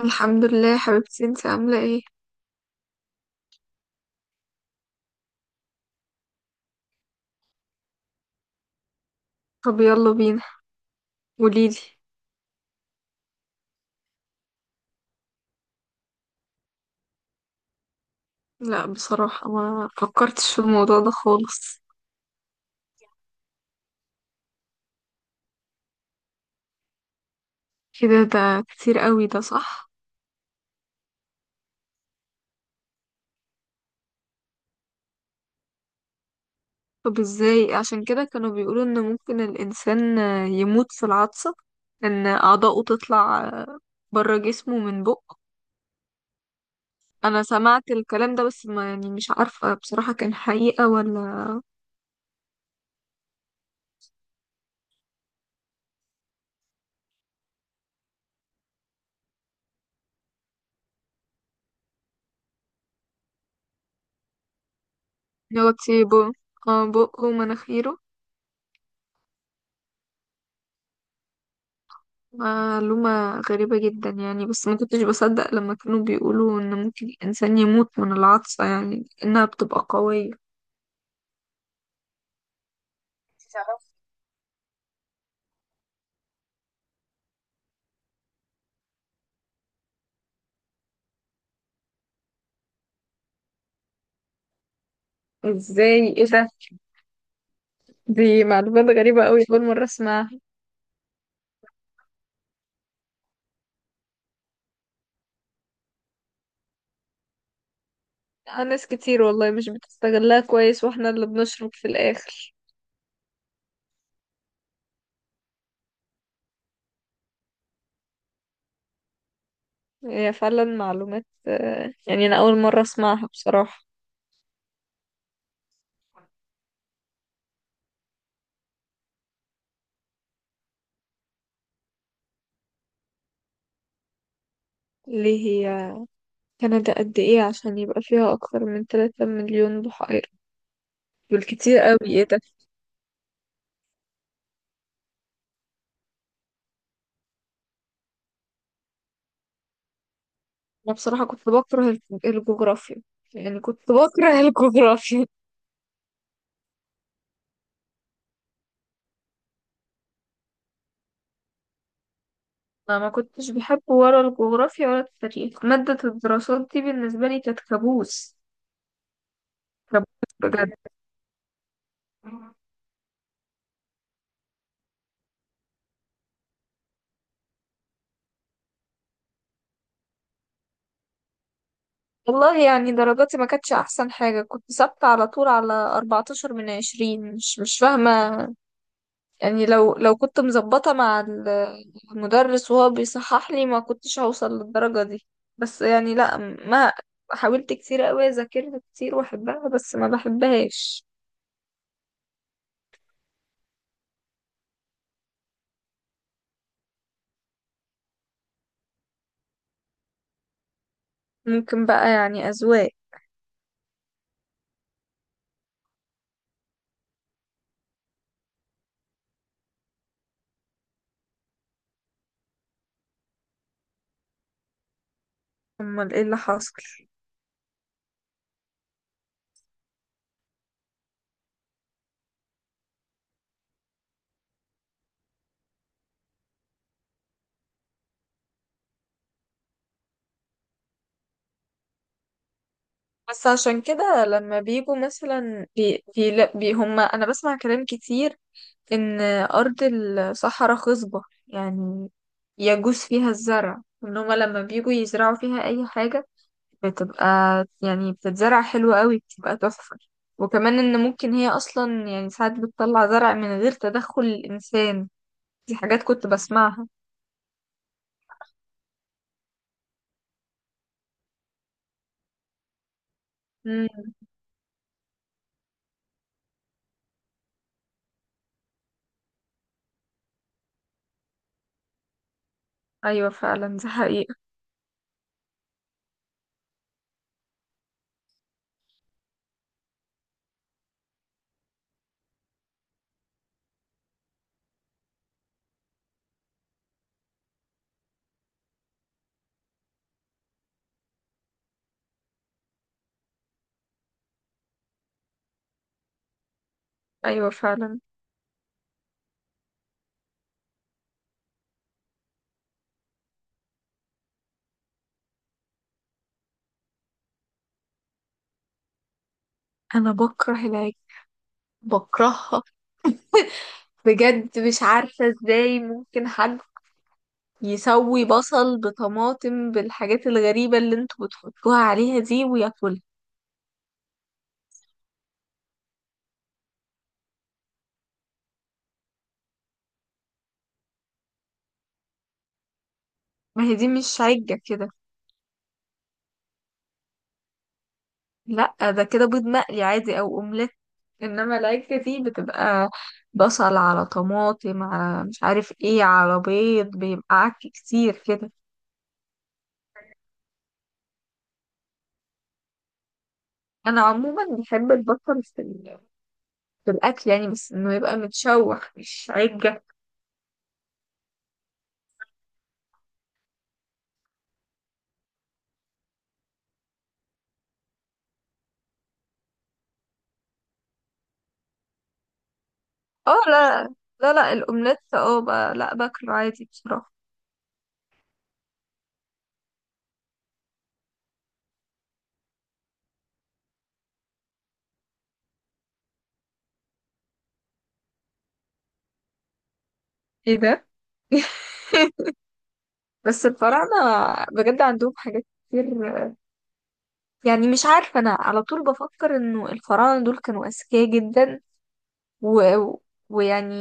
الحمد لله يا حبيبتي، انت عاملة ايه؟ طب يلا بينا، قوليلي. لا بصراحة، ما فكرتش في الموضوع ده خالص. كده؟ ده كتير قوي، ده صح؟ طب ازاي؟ عشان كده كانوا بيقولوا ان ممكن الانسان يموت في العطسة، ان اعضاؤه تطلع بره جسمه من بقه. انا سمعت الكلام ده بس ما يعني، مش عارفة بصراحة كان حقيقة ولا. ان هو كتير بقه، اه بقه ومناخيره. معلومة غريبة جدا يعني، بس ما كنتش بصدق لما كانوا بيقولوا ان ممكن الانسان يموت من العطسة، يعني انها بتبقى قوية. تعرف؟ ازاي؟ ايه ده؟ دي معلومات غريبة قوي، اول مرة اسمعها. ناس كتير والله مش بتستغلها كويس واحنا اللي بنشرب في الاخر. هي فعلا معلومات، يعني انا اول مرة اسمعها بصراحة. ليه هي كندا قد ايه عشان يبقى فيها اكتر من 3 مليون بحيرة؟ دول كتير قوي، ايه ده؟ انا بصراحة كنت بكره الجغرافيا، يعني كنت بكره الجغرافيا. انا ما كنتش بحب ولا الجغرافيا ولا التاريخ، مادة الدراسات دي بالنسبة لي كانت كابوس. كابوس بجد. والله يعني درجاتي ما كانتش احسن حاجة، كنت ثابتة على طول على 14 من 20. مش فاهمة. يعني لو كنت مظبطة مع المدرس وهو بيصحح لي ما كنتش هوصل للدرجة دي. بس يعني لا، ما حاولت كتير قوي، اذاكرها كتير واحبها بس ما بحبهاش. ممكن بقى يعني، اذواق. امال ايه اللي حصل؟ بس عشان كده لما بيجوا مثلا بي بي, لا بي هم انا بسمع كلام كتير ان ارض الصحراء خصبة، يعني يجوز فيها الزرع، ان هم لما بيجوا يزرعوا فيها اي حاجة بتبقى، يعني بتتزرع حلو قوي، بتبقى تحفة. وكمان ان ممكن هي اصلا، يعني ساعات بتطلع زرع من غير تدخل الانسان. دي حاجات كنت بسمعها. امم. ايوه فعلا، دي حقيقة. ايوه فعلا. انا بكره العجل، بكرهها بجد. مش عارفة ازاي ممكن حد يسوي بصل بطماطم بالحاجات الغريبة اللي انتوا بتحطوها عليها دي وياكلها. ما هي دي مش عجة كده. لا، ده كده بيض مقلي عادي او اومليت. انما العجل دي بتبقى بصل على طماطم على مش عارف ايه على بيض، بيبقى عك كتير كده. انا عموما بحب البصل في في الاكل يعني، بس انه يبقى متشوح مش عجة. اه لا. لا الاومليت اه بقى لا، باكله عادي بصراحة. ايه ده؟ بس الفراعنة بجد عندهم حاجات كتير، يعني مش عارفة. أنا على طول بفكر إنه الفراعنة دول كانوا أذكياء جدا، و... ويعني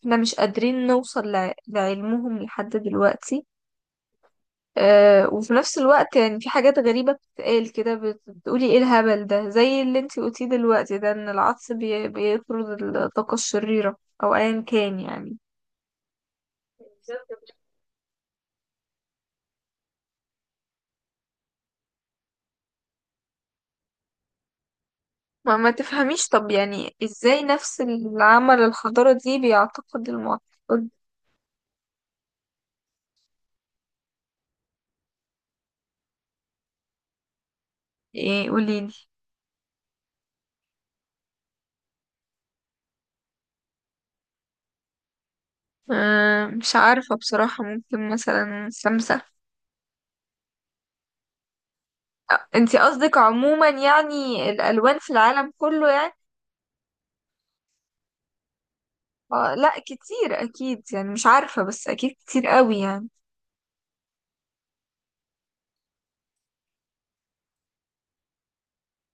احنا مش قادرين نوصل لعلمهم لحد دلوقتي. أه، وفي نفس الوقت يعني في حاجات غريبة بتتقال كده، بتقولي ايه الهبل ده، زي اللي انتي قلتيه دلوقتي ده، ان العطس بيطرد الطاقة الشريرة، او ايا كان يعني. ما تفهميش. طب يعني ازاي نفس العمل الحضارة دي بيعتقد المعتقد؟ ايه؟ قوليلي. أه مش عارفة بصراحة، ممكن مثلا سمسم. انتي قصدك عموما يعني الالوان في العالم كله يعني؟ آه لا، كتير اكيد يعني، مش عارفة بس اكيد كتير قوي يعني.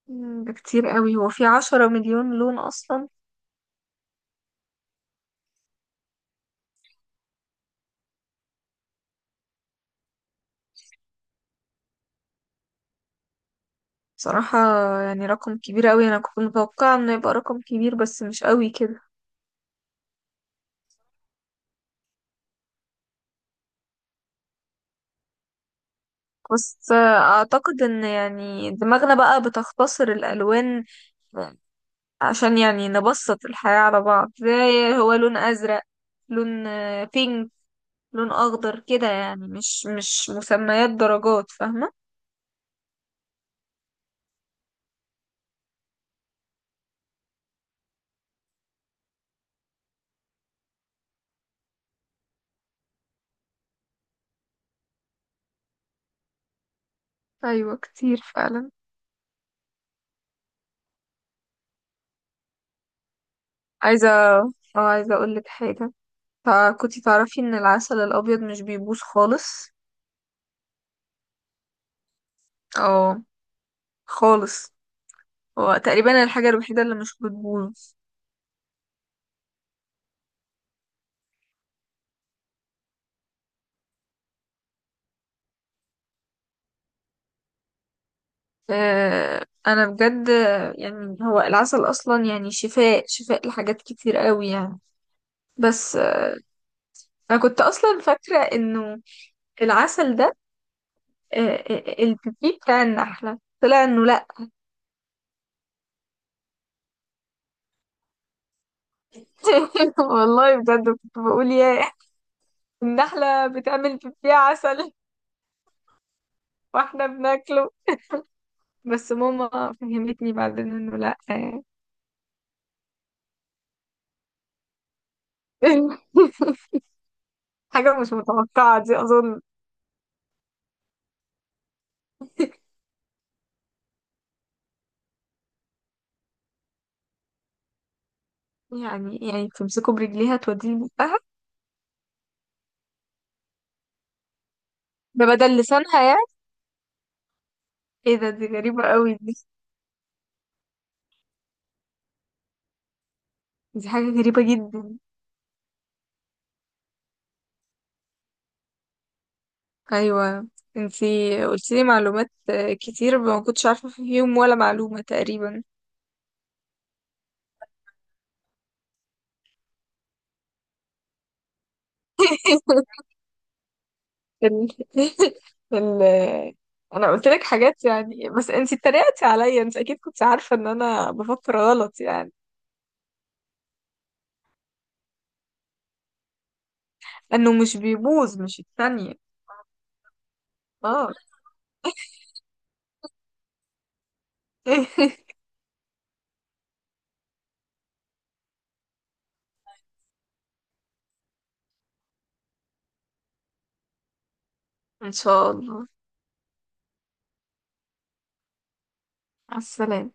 ده كتير قوي. هو في 10 مليون لون اصلا؟ بصراحة يعني رقم كبير قوي، انا كنت متوقعة انه يبقى رقم كبير بس مش قوي كده. بس اعتقد ان يعني دماغنا بقى بتختصر الالوان، عشان يعني نبسط الحياة على بعض، زي هو لون ازرق، لون بينك، لون اخضر كده، يعني مش مسميات درجات، فاهمة؟ ايوه كتير فعلا. عايزة، اه عايزة اقولك حاجة. كنتي تعرفي ان العسل الابيض مش بيبوظ خالص؟ اه خالص، هو تقريبا الحاجة الوحيدة اللي مش بتبوظ. آه انا بجد. يعني هو العسل اصلا يعني شفاء، شفاء لحاجات كتير قوي يعني. بس انا كنت اصلا فاكرة انه العسل ده، البيبي بتاع النحلة، طلع انه لا. والله بجد كنت بقول يا النحلة بتعمل فيه عسل واحنا بناكله. بس ماما فهمتني بعدين انه لا. يعني. حاجة مش متوقعة دي أظن. يعني، يعني بتمسكه برجليها توديه بقها؟ ده بدل لسانها يعني؟ ايه ده؟ دي غريبة قوي دي. دي حاجة غريبة جدا. أيوة. انتي قلتيلي معلومات، كتير ما كنتش عارفة فيهم ولا معلومة تقريبا. ال... ال... انا قلت لك حاجات يعني، بس انت اتريقتي عليا، انت اكيد كنت عارفه ان انا بفكر غلط يعني. انه مش بيبوظ مش الثانيه. اه. ان شاء الله. مع السلامه.